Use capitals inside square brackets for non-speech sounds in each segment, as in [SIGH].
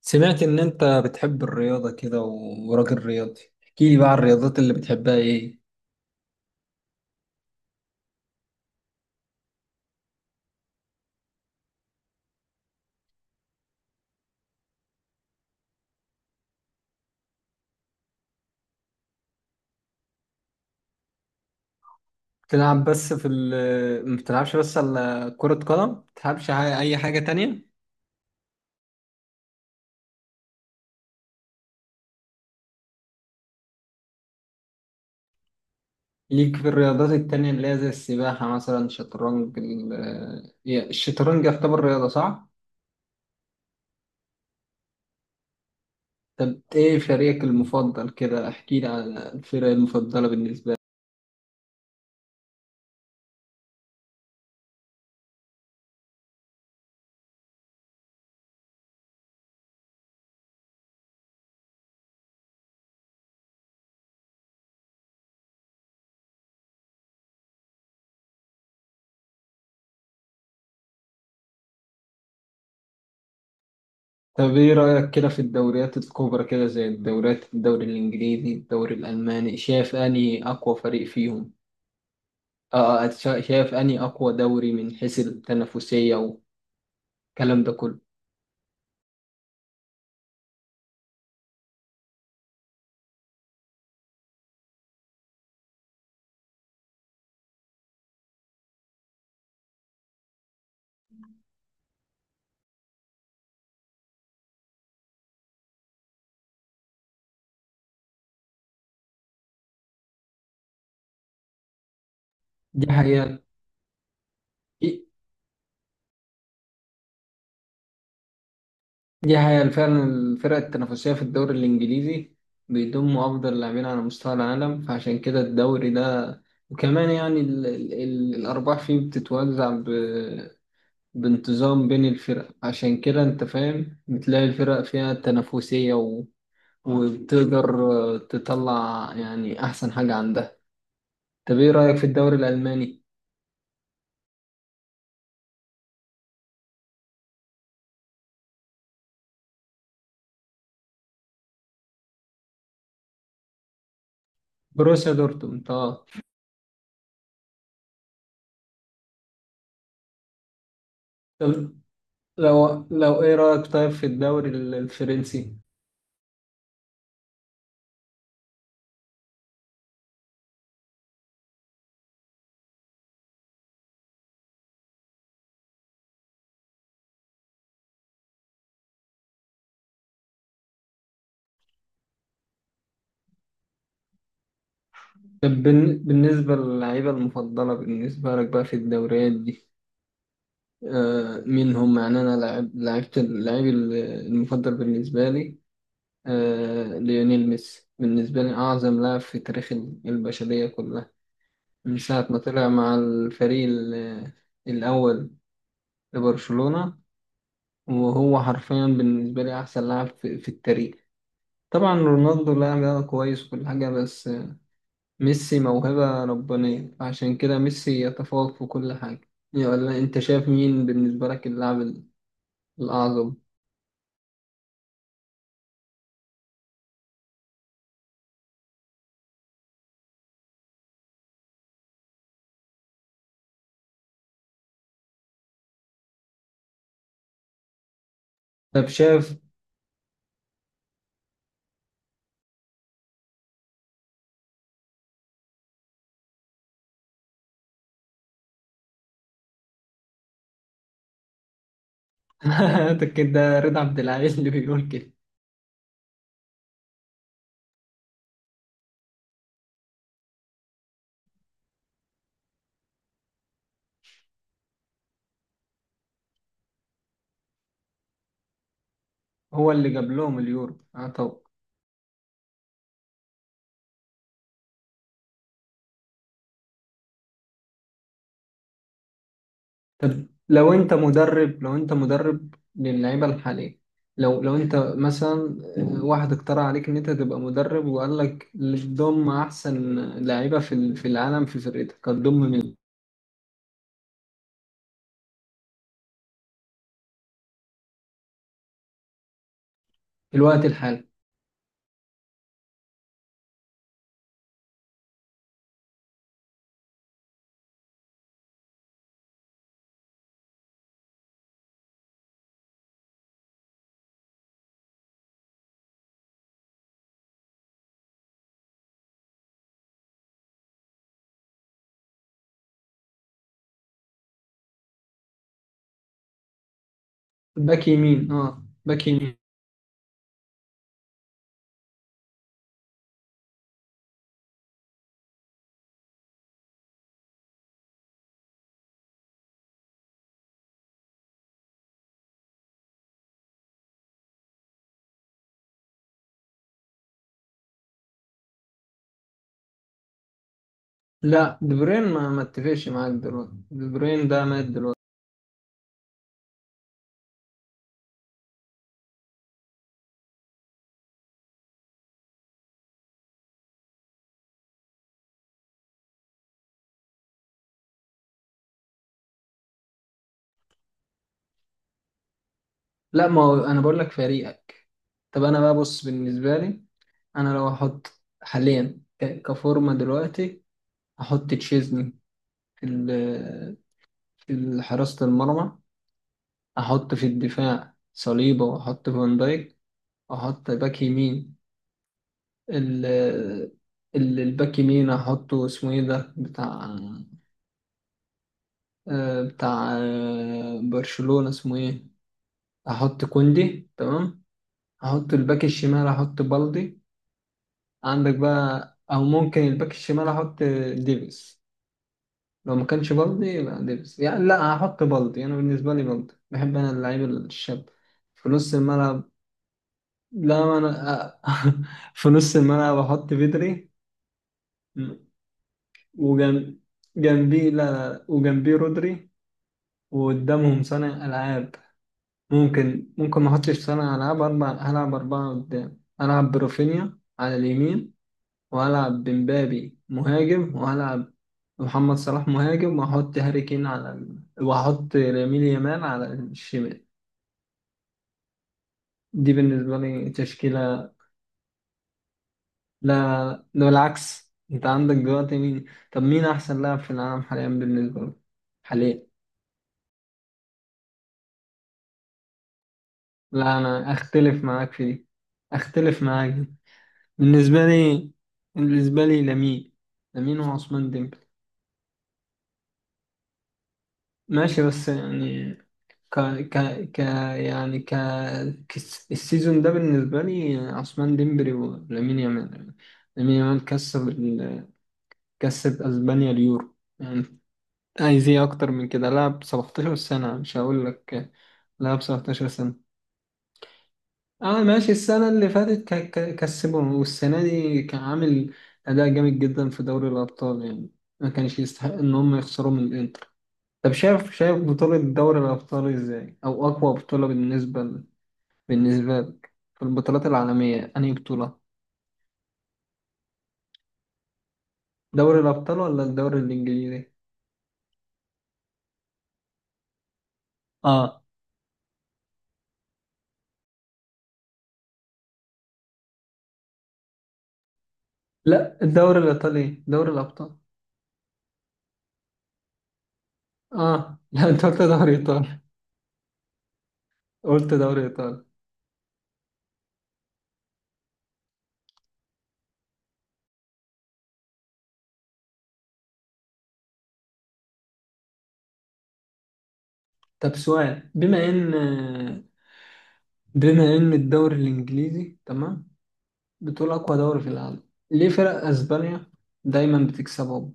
سمعت إن أنت بتحب الرياضة كده و- وراجل رياضي، احكي لي بقى عن الرياضات اللي بتحبها إيه؟ بتلعب بس في ال ما بتلعبش بس على كرة قدم؟ ما بتلعبش أي حاجة تانية؟ ليك في الرياضات التانية اللي هي زي السباحة مثلا شطرنج الشطرنج يعتبر رياضة صح؟ طب إيه فريقك المفضل كده؟ احكي لي عن الفرق المفضلة بالنسبة لك. طب إيه رأيك كده في الدوريات الكبرى كده زي الدوري الإنجليزي، الدوري الألماني، شايف أنهي أقوى فريق فيهم؟ شايف اني اقوى دوري من حيث التنافسيه والكلام ده كله. دي حقيقه. دي حقيقه فعلا، الفرق التنافسيه في الدوري الانجليزي بيضم افضل لاعبين على مستوى العالم، فعشان كده الدوري ده وكمان يعني ال ال ال الارباح فيه بتتوزع بانتظام بين الفرق، عشان كده انت فاهم بتلاقي الفرق فيها تنافسيه وبتقدر تطلع يعني احسن حاجه عندها. طب ايه رايك في الدوري الالماني؟ بروسيا دورتموند اه. طب لو ايه رأيك طيب في الفرنسي؟ طب بالنسبة للعيبة المفضلة بالنسبة لك بقى في الدوريات دي، آه مين هم؟ يعني انا لعبت المفضل بالنسبة لي آه ليونيل ميسي. بالنسبة لي أعظم لاعب في البشرية كلها، من ساعة ما طلع مع الأول لبرشلونة، وهو حرفيا بالنسبة لي أحسن لاعب في التاريخ. طبعا رونالدو لاعب كويس وكل حاجة، بس ميسي موهبة ربانية، عشان كده ميسي يتفوق في كل حاجة يعني. ولا أنت شايف مين بالنسبة لك الأعظم؟ طب شايف، [LAUGHS] ده كده رضا عبد العال اللي بيقول كده. هو اللي جاب لهم اليورو آه. طب، طب لو أنت مدرب للعيبة الحالية، لو أنت مثلا واحد اقترح عليك إن أنت تبقى مدرب وقال لك تضم أحسن لعيبة في في العالم في فرقتك، هتضم مين؟ في الوقت الحالي. باك يمين، اه باك يمين. لا دي بروين ما اتفقش معاك، دلوقتي دي بروين ده مات دلوقتي. لا، ما هو انا بقول لك فريقك. طب انا بقى بص، بالنسبه لي انا لو احط حاليا كفورمه دلوقتي، احط تشيزني في في حراسه المرمى. احط في الدفاع صليبه واحط فان دايك. احط باك يمين، ال الباك يمين احطه اسمه ايه ده بتاع بتاع برشلونه اسمه ايه، احط كوندي تمام. احط الباك الشمال، احط بالدي. عندك بقى او ممكن الباك الشمال احط ديفيس، لو ما كانش بالدي يبقى ديفيس يعني. لا، هحط بالدي، انا بالنسبه لي بالدي، بحب انا اللعيب الشاب. في نص الملعب لا انا، [LAUGHS] في نص الملعب احط بدري. وجنب، جنبي لا، وجنبي رودري، وقدامهم صانع العاب. ممكن ما احطش صانع العاب، اربع هلعب اربعه قدام، العب برافينيا على اليمين، وهلعب بمبابي مهاجم، وهلعب محمد صلاح مهاجم، وهحط هاري كين على وهحط لامين يامال على الشمال. دي بالنسبة لي تشكيلة. لا، ده بالعكس، انت عندك دلوقتي مين؟ طب مين احسن لاعب في العالم حاليا بالنسبة لك حاليا؟ لا، انا اختلف معاك في دي. اختلف معاك دي. بالنسبة لي، بالنسبة لي لامين. لامين وعثمان ديمبلي. ماشي بس يعني، ك ك ك يعني السيزون ده بالنسبة لي عثمان ديمبلي ولامين يامال. لامين يامال كسب اسبانيا اليورو يعني، عايز ايه اكتر من كده؟ لعب 17 سنة، مش هقول لك لعب 17 سنة. اه ماشي، السنة اللي فاتت كسبهم، والسنة دي كان عامل أداء جامد جدا في دوري الأبطال يعني، ما كانش يستحق إن هم يخسروا من الإنتر. طب شايف، شايف بطولة دوري الأبطال إزاي؟ أو أقوى بطولة بالنسبة بالنسبة لك في البطولات العالمية أنهي بطولة؟ دوري الأبطال ولا الدوري الإنجليزي؟ آه لا، الدوري الإيطالي دوري الأبطال. آه لا، أنت قلت دوري إيطالي. قلت دوري إيطالي. طب سؤال، بما إن الدوري الإنجليزي تمام، بتقول أقوى دوري في العالم، ليه فرق أسبانيا دايما بتكسبهم؟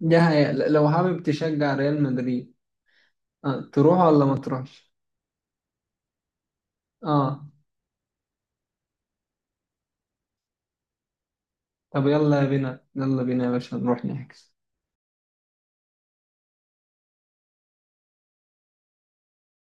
ده هي... لو حابب تشجع ريال مدريد، آه. تروح ولا ما تروحش؟ اه طب، يلا بينا، يلا بينا يا باشا نروح نحجز